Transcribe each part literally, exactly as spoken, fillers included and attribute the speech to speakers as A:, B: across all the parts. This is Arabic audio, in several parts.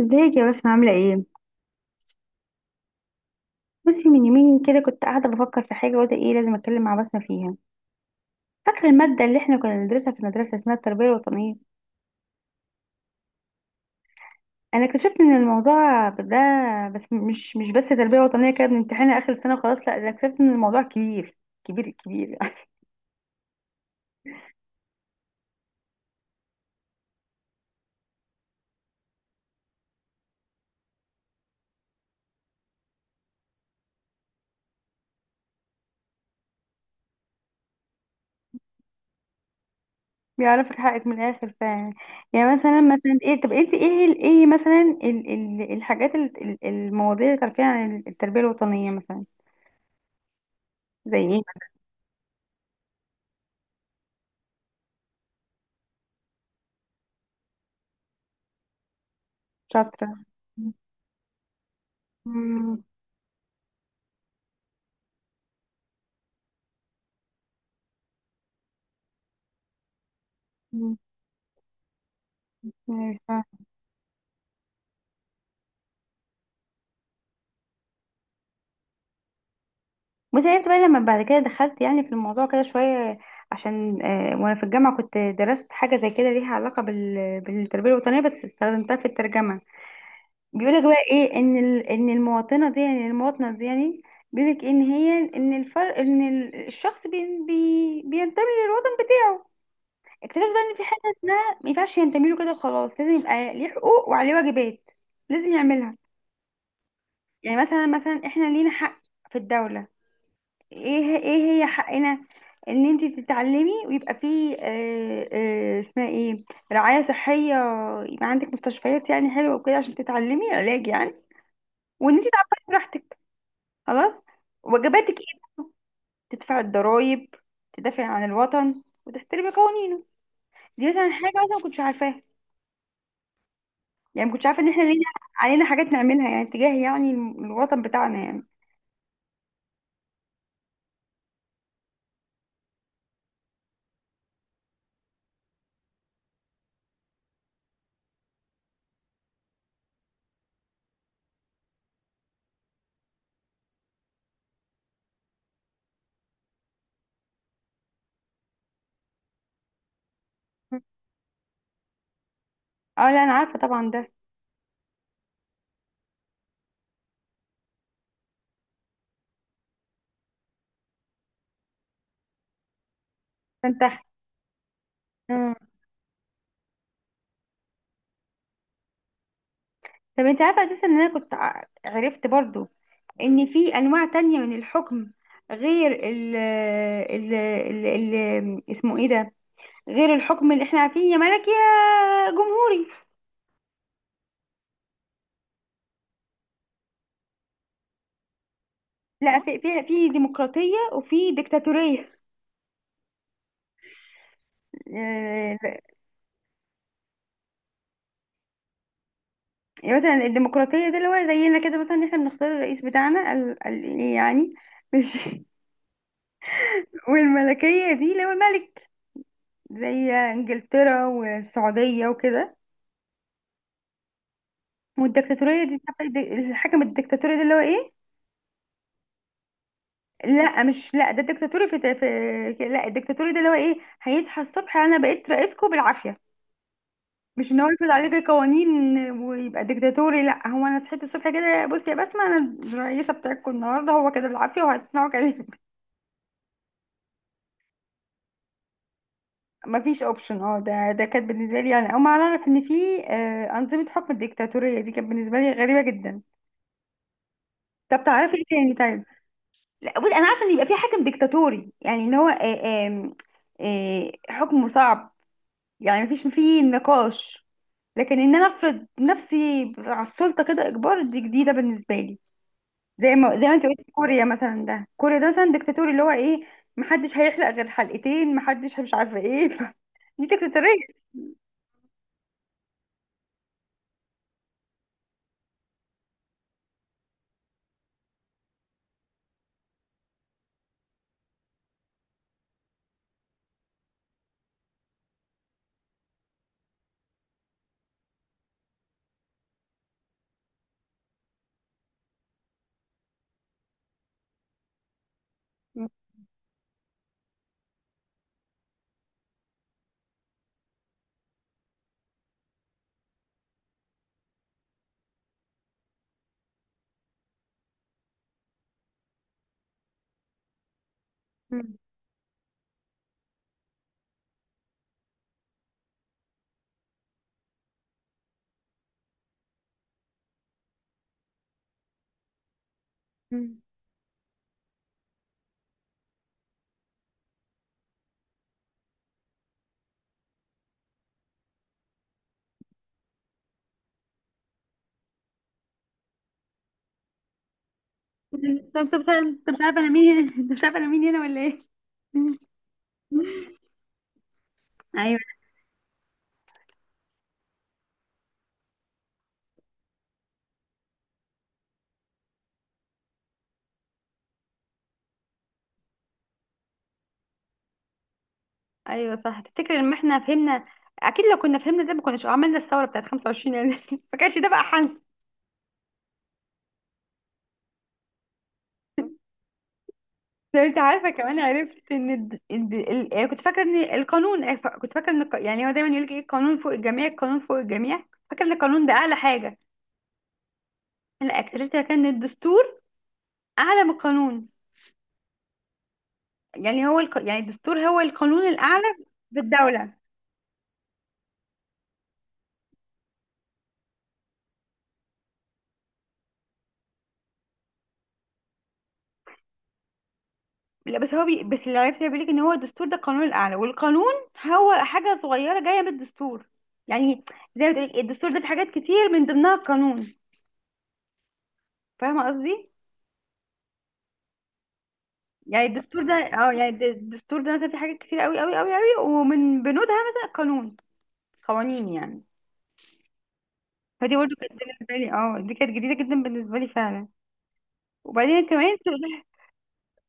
A: ازيك يا بسمة عاملة ايه؟ بصي من يومين كده كنت قاعدة بفكر في حاجة وقلت ايه لازم اتكلم مع بسمة فيها. فاكرة المادة اللي احنا كنا بندرسها في المدرسة اسمها التربية الوطنية. انا اكتشفت ان الموضوع ده بس مش مش بس تربية وطنية كده بنمتحنها اخر السنة وخلاص، لا ده اكتشفت ان الموضوع كبير كبير كبير. بيعرفك حقك من الاخر ف يعني مثلا مثلا ايه. طب انت ايه ال- ايه مثلا ال ال الحاجات ال ال- المواضيع اللي تعرفيها عن التربية الوطنية مثلا. زي ايه؟ شاطرة. مم. مم. بس عرفت بقى لما بعد كده دخلت يعني في الموضوع كده شوية، عشان آه، وانا في الجامعة كنت درست حاجة زي كده ليها علاقة بال... بالتربية الوطنية، بس استخدمتها في الترجمة. بيقولك بقى ايه، ان ال... ان المواطنة دي يعني، المواطنة دي يعني بيقولك ان هي ان الفرق ان ال- الشخص بي... بي... بينتمي للوطن بتاعه. اكتشفت بقى ان في حاجة اسمها ما ينفعش ينتمي له كده وخلاص، لازم يبقى ليه حقوق وعليه واجبات لازم يعملها. يعني مثلا مثلا احنا لينا حق في الدولة. ايه ايه هي حقنا؟ ان انت تتعلمي، ويبقى في آه آه اسمها ايه، رعاية صحية، يبقى عندك مستشفيات يعني حلوة وكده عشان تتعلمي علاج يعني، وان انت تعبري براحتك. خلاص، واجباتك ايه؟ تدفع الضرايب، تدافع عن الوطن وتحترمي قوانينه. دي مثلا حاجة انا ما كنتش عارفاها، يعني ما كنتش عارفة ان احنا لينا، علينا حاجات نعملها يعني تجاه يعني الوطن بتاعنا يعني. اه لا انا عارفه طبعا ده. فانت مم. طب انت عارفه اساسا ان انا كنت ع- عرفت برضو ان في انواع تانية من الحكم، غير ال ال ال ال اسمه ايه ده، غير الحكم اللي احنا عارفين، يا ملكي يا جمهوري. لا في في في ديمقراطية وفي ديكتاتورية. آه، يعني مثلا الديمقراطية ده اللي هو زينا كده مثلا، إن احنا بنختار الرئيس بتاعنا ال ال يعني مش والملكية دي اللي هو الملك، زي انجلترا والسعودية وكده. والديكتاتورية دي، الحكم الديكتاتوري ده اللي هو ايه؟ لا مش، لا ده الدكتاتوري في، في لا، الدكتاتوري ده اللي هو ايه، هيصحى الصبح انا بقيت رئيسكم بالعافيه. مش ان هو يفرض عليك القوانين ويبقى ديكتاتوري، لا هو انا صحيت الصبح كده بصي يا بسمه انا الرئيسه بتاعتكم النهارده، هو كده بالعافيه وهتسمعوا كلامي. مفيش اوبشن، اه ده ده كانت بالنسبه لي انا اول ما اعرف ان في آه، انظمه حكم الديكتاتوريه دي، كانت بالنسبه لي غريبه جدا. طب تعرفي ايه تاني طيب؟ لا بصي انا عارفه ان يبقى في حاكم ديكتاتوري، يعني ان هو آه، آم، آه، حكمه صعب، يعني مفيش فيه نقاش، لكن ان انا افرض نفسي على السلطه كده اجبار، دي جديده بالنسبه لي. زي ما زي ما انت قلت كوريا مثلا، ده كوريا ده مثلا ديكتاتوري، اللي هو ايه، محدش هيحلق غير حلقتين، محدش مش عارفه ايه. دي ديكتاتوريه. م- م- م. انت أنت مش عارف- أنت مش عارفه انا مين، انت مش عارفه انا مين هنا ولا ايه؟ ايوه. ايوه صح، تفتكر ان احنا فهمنا؟ اكيد لو كنا فهمنا ده ما كناش عملنا الثوره بتاعت 25 يناير. ما كانش ده بقى. ده انت عارفه كمان، عرفت ان الد... الد... ال... يعني كنت فاكره ان القانون، كنت فاكره ان الق- يعني هو دايما يقول لك ايه، القانون فوق الجميع، القانون فوق الجميع، فاكره ان القانون ده اعلى حاجه، لا اكتشفت كان الدستور اعلى من القانون. يعني هو الق... يعني الدستور هو القانون الاعلى في الدوله. لا بس هو بي... بس اللي عرفت بيقول لك ان هو الدستور ده القانون الاعلى، والقانون هو حاجه صغيره جايه من الدستور. يعني زي ما تقول الدستور ده في حاجات كتير، من ضمنها القانون، فاهمه قصدي؟ يعني الدستور ده، اه يعني الد- الدستور ده مثلا في حاجات كتير قوي قوي قوي قوي، ومن بنودها مثلا قانون قوانين يعني. فدي برضه كانت بالنسبه لي، اه دي كانت جديده جدا بالنسبه لي فعلا. وبعدين كمان تقول-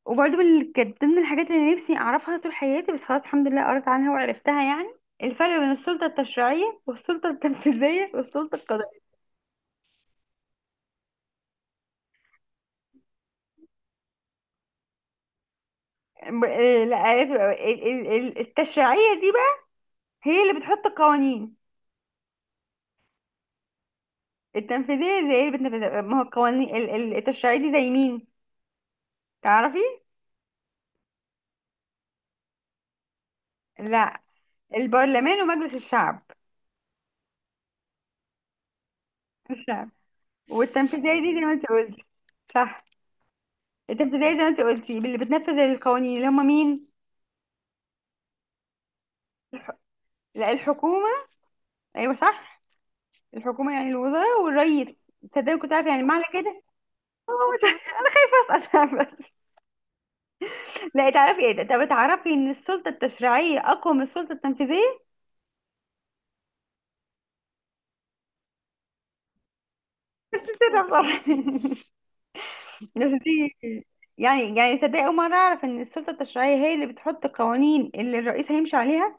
A: وبرضه من ال- كانت ضمن الحاجات اللي نفسي اعرفها طول حياتي، بس خلاص الحمد لله قريت عنها وعرفتها يعني. الفرق بين السلطه التشريعيه والسلطه التنفيذيه والسلطه القضائيه. ب- آه، لا عرفت بقى. ال- ال- ال- التشريعيه دي بقى هي اللي بتحط القوانين. التنفيذيه زي اللي بتنفذها، ما هو القوانين، ال- ال- التشريعيه دي زي مين، تعرفي؟ لا البرلمان ومجلس الشعب، الشعب. والتنفيذية دي زي ما انت قلتي، صح. التنفيذية زي ما انت قلتي اللي بتنفذ القوانين، اللي هم مين؟ لا الحكومة. ايوه صح، الحكومة يعني الوزراء والرئيس، تصدقي كنت عارفة يعني معنى كده. هو بس أنا بس. لا تعرفي ايه ده، طب تعرفي ان السلطة التشريعية اقوى من السلطة التنفيذية؟ كده بصراحة. بس دي يعني يعني تصدقي اول مرة اعرف ان السلطة التشريعية هي اللي بتحط القوانين اللي الرئيس هيمشي عليها.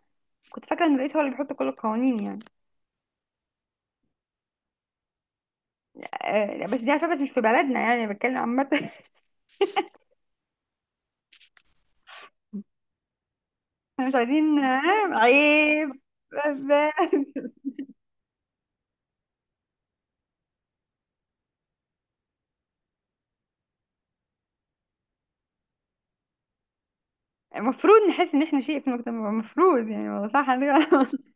A: كنت فاكرة ان الرئيس هو اللي بيحط كل القوانين يعني. آه، بس دي عارفة، بس مش في بلدنا يعني، أنا بتكلم عامة. احنا مش عايزين، آه، عيب. بس بس. المفروض نحس ان احنا شيء في المجتمع، المفروض يعني، والله صح عندك حق.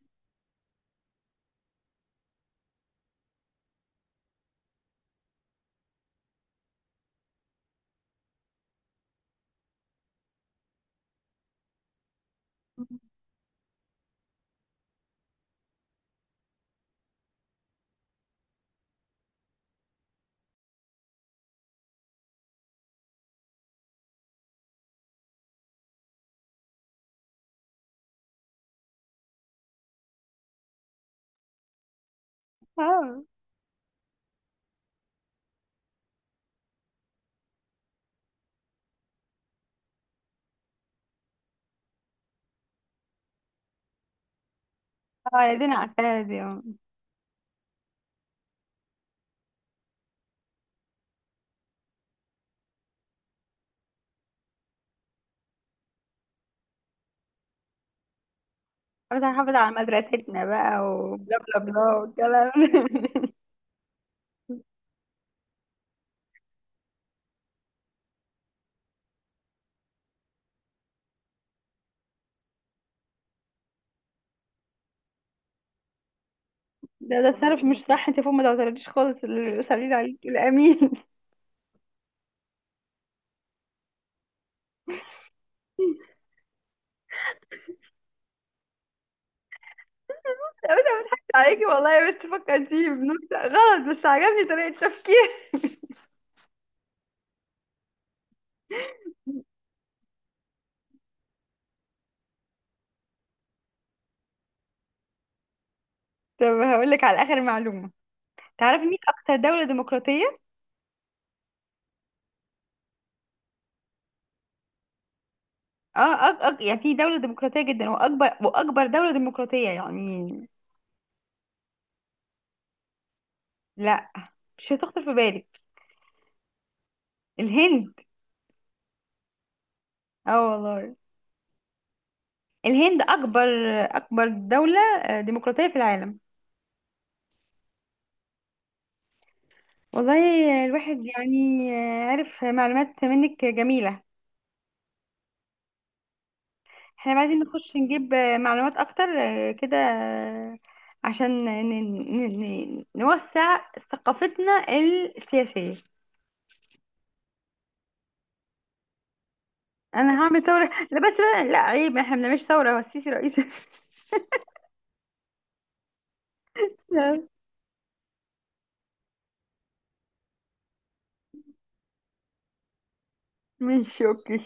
A: اه. آه، عايزين عارفاها دي، اه. بس هنحافظ على مدرستنا بقى، وبلا بلا بلا والكلام. ده ده تصرف مش صح، انت فوق ما توترتيش خالص، اللي يصلي عليك الامين. يا بس انا بضحك عليكي والله، بس فكرتيني بنكته غلط، بس عجبني طريقه تفكير. طب هقول لك على اخر معلومه، تعرفي مين اكتر دولة ديمقراطية؟ اه أك... أك... يعني في دولة ديمقراطية جدا، واكبر واكبر دولة ديمقراطية يعني. لا مش هتخطر في بالك. الهند. اه والله، الهند اكبر، اكبر دولة آه، ديمقراطية في العالم. والله، الواحد يعني، آه، عرف معلومات منك جميلة. احنا عايزين نخش نجيب آه، معلومات اكتر، آه، كده آه، عشان ن... ن... ن... نوسع ثقافتنا السياسية. انا هعمل ثورة، لا بس بقى، لا عيب احنا ما بنعملش ثورة هو السيسي رئيس. لا، ماشي اوكي.